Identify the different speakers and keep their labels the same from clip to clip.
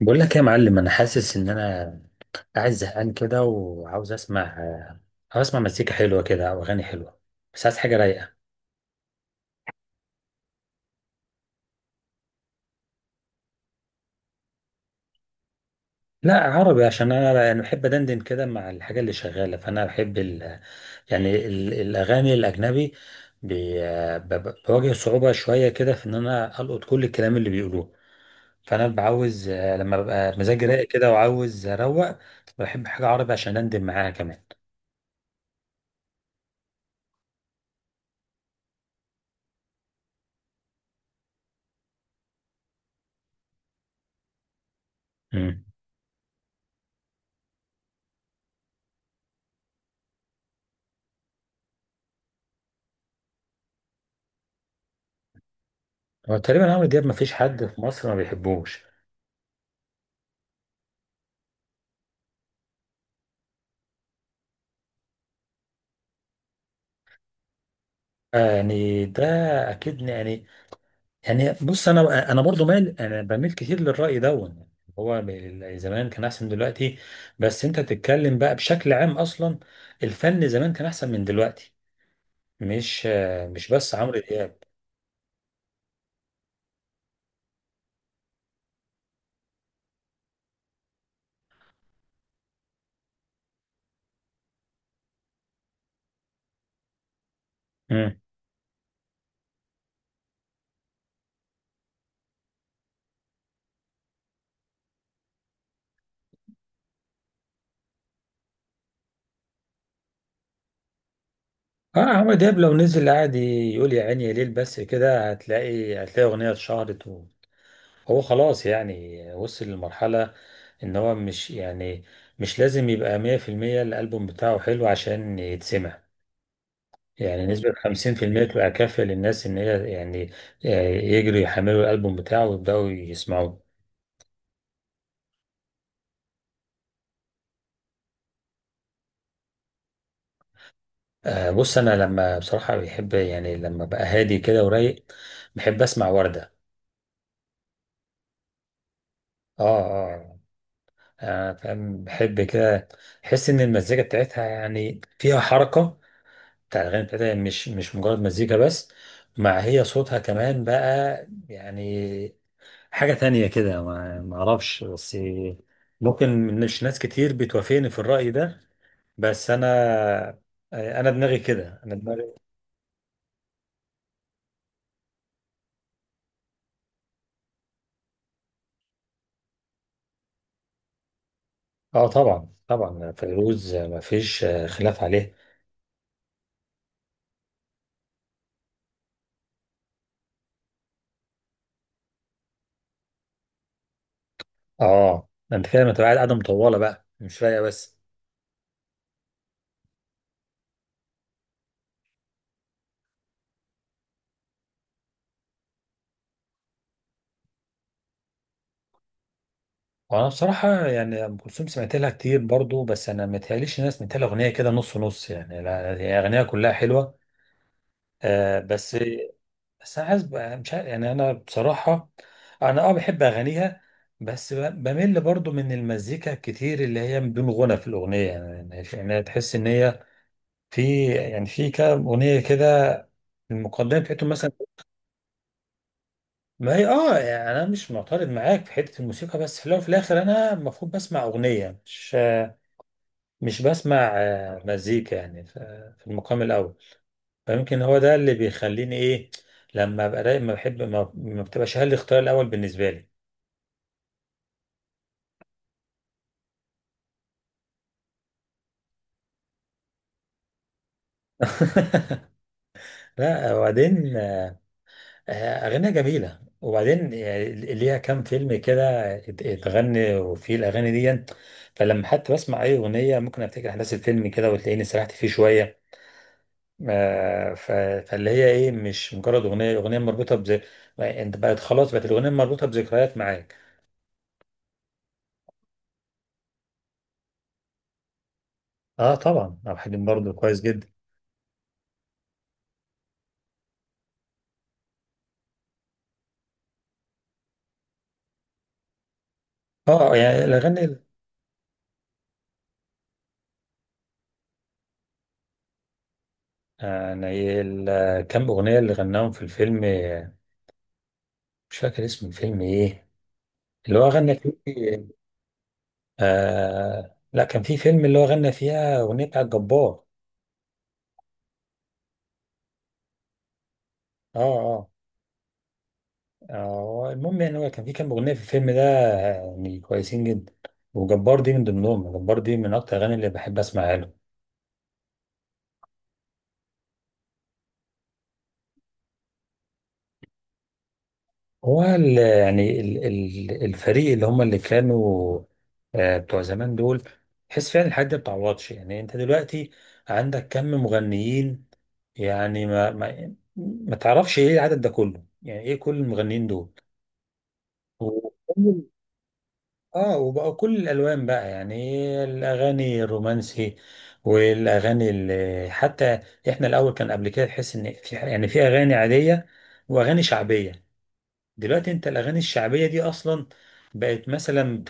Speaker 1: بقول لك إيه يا معلم، انا حاسس ان انا قاعد زهقان كده وعاوز اسمع، عاوز اسمع مزيكا حلوه كده او اغاني حلوه، بس عايز حاجه رايقه. لا، عربي، عشان انا يعني بحب ادندن كده مع الحاجه اللي شغاله. فانا بحب الاغاني الاجنبي، بي... بواجه صعوبه شويه كده في ان انا القط كل الكلام اللي بيقولوه. فانا بعوز لما ببقى مزاجي رايق كده وعاوز اروق بحب حاجه عربي عشان اندم معاها كمان. امم. هو تقريبا عمرو دياب مفيش حد في مصر ما بيحبوش. يعني ده اكيد يعني. يعني بص، انا برضو مال، انا بميل كتير للراي ده. هو زمان كان احسن من دلوقتي، بس انت بتتكلم بقى بشكل عام اصلا الفن زمان كان احسن من دلوقتي، مش مش بس عمرو دياب. امم. اه عمرو دياب لو نزل قاعد يقول يا عيني يا ليل بس كده، هتلاقي اغنيه اتشهرت. وهو خلاص يعني وصل لمرحله ان هو مش لازم يبقى 100% الالبوم بتاعه حلو عشان يتسمع. يعني نسبة 50% تبقى كافية للناس إن هي يعني يجروا يحملوا الألبوم بتاعه ويبدأوا يسمعوه. بص أنا لما بصراحة بحب يعني لما بقى هادي كده ورايق بحب أسمع وردة. آه، آه، آه، آه، فاهم بحب كده. أحس إن المزيكا بتاعتها يعني فيها حركة. بتاع الأغاني بتاعتها يعني مش مجرد مزيكا بس، مع هي صوتها كمان بقى يعني. حاجة تانية كده، ما أعرفش بس ممكن مش ناس كتير بتوافقني في الرأي ده. بس انا، انا دماغي كده، انا دماغي. اه طبعا طبعا، فيروز ما فيش خلاف عليه. اه ده انت كده ما تبقى قاعد قاعده مطوله بقى مش رايقه بس. وانا بصراحه يعني ام كلثوم سمعت لها كتير برضو. بس انا ما تهيأليش الناس سمعت لها اغنيه كده نص نص يعني، لا هي اغنيه كلها حلوه آه، بس. بس انا عايز مش عارف يعني، انا بصراحه انا بحب اغانيها. بس بمل برضو من المزيكا كتير اللي هي بدون غنى في الاغنيه، يعني تحس ان هي في، يعني في كام اغنيه كده المقدمه بتاعتهم مثلا. ما هي، اه يعني انا مش معترض معاك في حته الموسيقى. بس في الاول وفي الاخر انا المفروض بسمع اغنيه، مش بسمع مزيكا يعني، في المقام الاول. فيمكن هو ده اللي بيخليني ايه لما ابقى رايق ما بحب، ما بتبقاش هل الاختيار الاول بالنسبه لي. لا وبعدين، آه، أغانيها جميلة. وبعدين يعني ليها كام فيلم كده اتغني وفيه الأغاني دي. فلما حتى بسمع أي أغنية ممكن أفتكر أحداث الفيلم كده وتلاقيني سرحت فيه شوية. آه، ف- فاللي هي إيه مش مجرد أغنية، الأغنية مربوطة أنت بقت خلاص بقت الأغنية مربوطة بذكريات معاك. أه طبعا عبد الحليم برضه كويس جدا. أه يعني الأغاني، يعني كام أغنية اللي غناهم في الفيلم، مش فاكر اسم الفيلم إيه اللي هو غنى فيه. لا كان في فيلم اللي هو غنى فيها أغنية بتاعت جبار. اه، اه. المهم يعني هو كان في كام أغنية في الفيلم ده، يعني كويسين جدا. وجبار دي من ضمنهم. جبار دي من أكتر الأغاني اللي بحب أسمعها له. هو الفريق اللي هم اللي كانوا بتوع زمان دول. تحس فعلا الحاجات دي ما بتعوضش. يعني أنت دلوقتي عندك كم مغنيين، يعني ما تعرفش إيه العدد ده كله، يعني إيه كل المغنيين دول. اه وبقى كل الالوان بقى يعني، الاغاني الرومانسي، والاغاني اللي حتى احنا الاول كان قبل كده تحس ان في، يعني في اغاني عاديه واغاني شعبيه. دلوقتي انت الاغاني الشعبيه دي اصلا بقت مثلا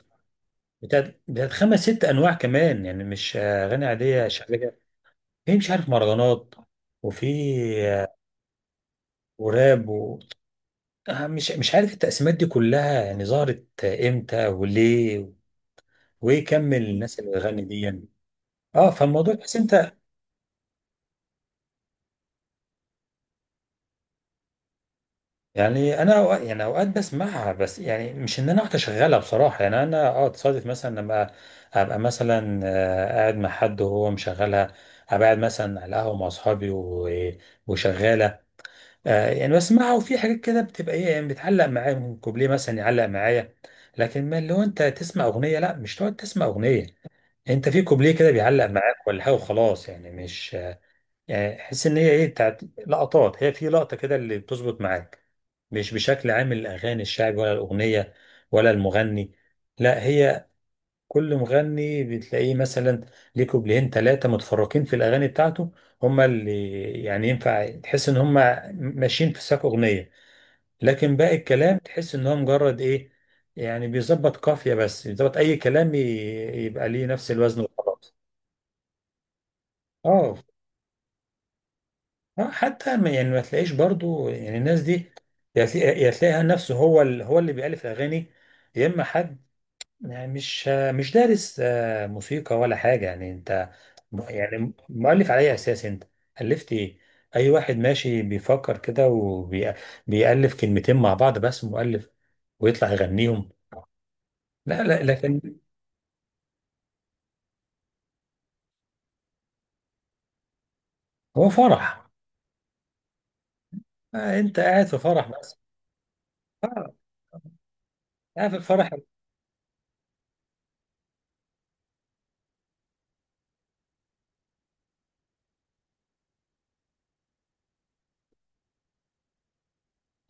Speaker 1: بتاعت خمس ست انواع كمان يعني، مش اغاني عاديه شعبيه. في مش عارف مهرجانات، وفي، وراب مش عارف التقسيمات دي كلها يعني ظهرت امتى وليه، وايه كم الناس اللي بتغني دي يعني. اه فالموضوع، بس انت. يعني انا أوقات، يعني اوقات بسمعها بس يعني مش ان انا اقعد اشغلها بصراحه. يعني انا تصادف مثلا لما ابقى مثلا قاعد مع حد وهو مشغلها. ابقى قاعد مثلا على القهوه مع اصحابي وشغاله. يعني بسمعها، وفي حاجات كده بتبقى ايه يعني بتعلق معايا، من كوبليه مثلا يعلق معايا. لكن ما اللي هو، انت تسمع اغنيه، لا مش تقعد تسمع اغنيه، انت في كوبليه كده بيعلق معاك ولا حاجه وخلاص يعني مش. يعني حس ان هي ايه بتاعت لقطات، هي في لقطه كده اللي بتظبط معاك. مش بشكل عام الأغاني الشعبي ولا الأغنية ولا المغني، لا هي كل مغني بتلاقيه مثلا ليه كوبليهين ثلاثة متفرقين في الأغاني بتاعته هما اللي، يعني ينفع تحس إن هما ماشيين في ساق أغنية. لكن باقي الكلام تحس إن هو مجرد إيه، يعني بيظبط قافية بس بيظبط أي كلام يبقى ليه نفس الوزن وخلاص. اه. حتى يعني ما تلاقيش برضو يعني الناس دي يا تلاقيها نفسه هو هو اللي بيألف الأغاني، يا اما حد يعني مش دارس موسيقى ولا حاجة. يعني انت يعني مؤلف على اي اساس انت الفت ايه؟ اي واحد ماشي بيفكر كده وبيألف كلمتين مع بعض بس مؤلف ويطلع يغنيهم. لا، لا، لكن هو فرح. انت قاعد في فرح بس. آه، قاعد في الفرح.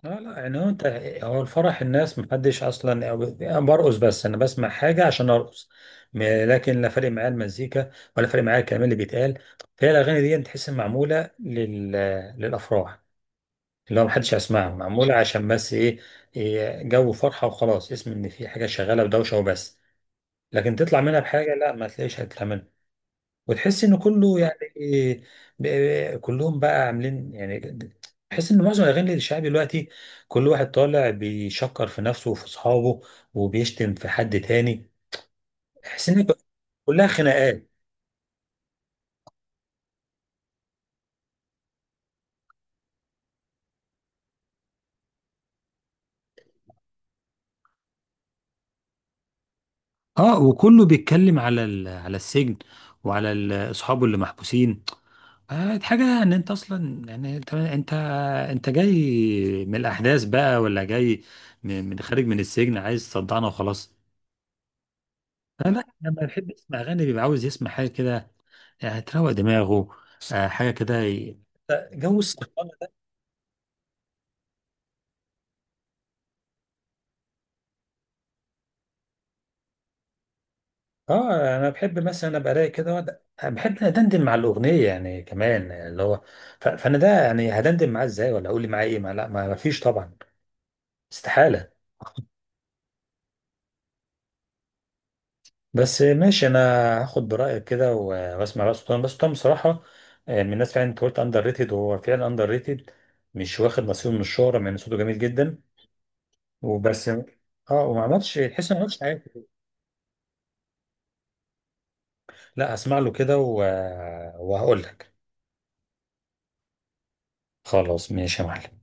Speaker 1: لا، لا، يعني هو انت هو الفرح الناس محدش اصلا، أو انا برقص، بس انا بسمع حاجه عشان ارقص م- لكن لا فارق معايا المزيكا، ولا فارق معايا الكلام اللي بيتقال. فهي الاغاني دي تحس إن معموله للافراح، اللي هو محدش هيسمعها، معموله عشان بس ايه، إيه، جو فرحه وخلاص، اسم ان في حاجه شغاله ودوشه وبس. لكن تطلع منها بحاجه، لا ما تلاقيش هتتعمل. وتحس ان كله يعني كلهم بقى عاملين يعني، تحس ان معظم الاغاني الشعبي دلوقتي كل واحد طالع بيشكر في نفسه وفي اصحابه وبيشتم في حد تاني. تحس ان كلها خناقات. اه وكله بيتكلم على على السجن، وعلى اصحابه اللي محبوسين. حاجه ان انت اصلا يعني، انت، انت جاي من الاحداث بقى، ولا جاي من خارج من السجن عايز تصدعنا وخلاص. لا، لا، لما بيحب يسمع اغاني بيبقى عاوز يسمع حاجه كده، يعني تروق دماغه. حاجه كده جو السلطان ده. اه انا بحب مثلا ابقى رايق كده بحب ادندن مع الاغنيه يعني كمان، اللي هو فانا ده يعني هدندن معاه ازاي ولا اقول لي معاه ايه، ما لا ما فيش طبعا، استحاله. بس ماشي، انا هاخد برايك كده واسمع بقى سلطان. بس سلطان بصراحه من الناس فعلا انت قلت اندر ريتد وهو فعلا اندر ريتد، مش واخد نصيبه من الشهره مع ان صوته جميل جدا. وبس اه. وما عملتش تحس إنه ما عملتش حاجه. لا هسمع له كده وهقول لك. خلاص ماشي يا معلم.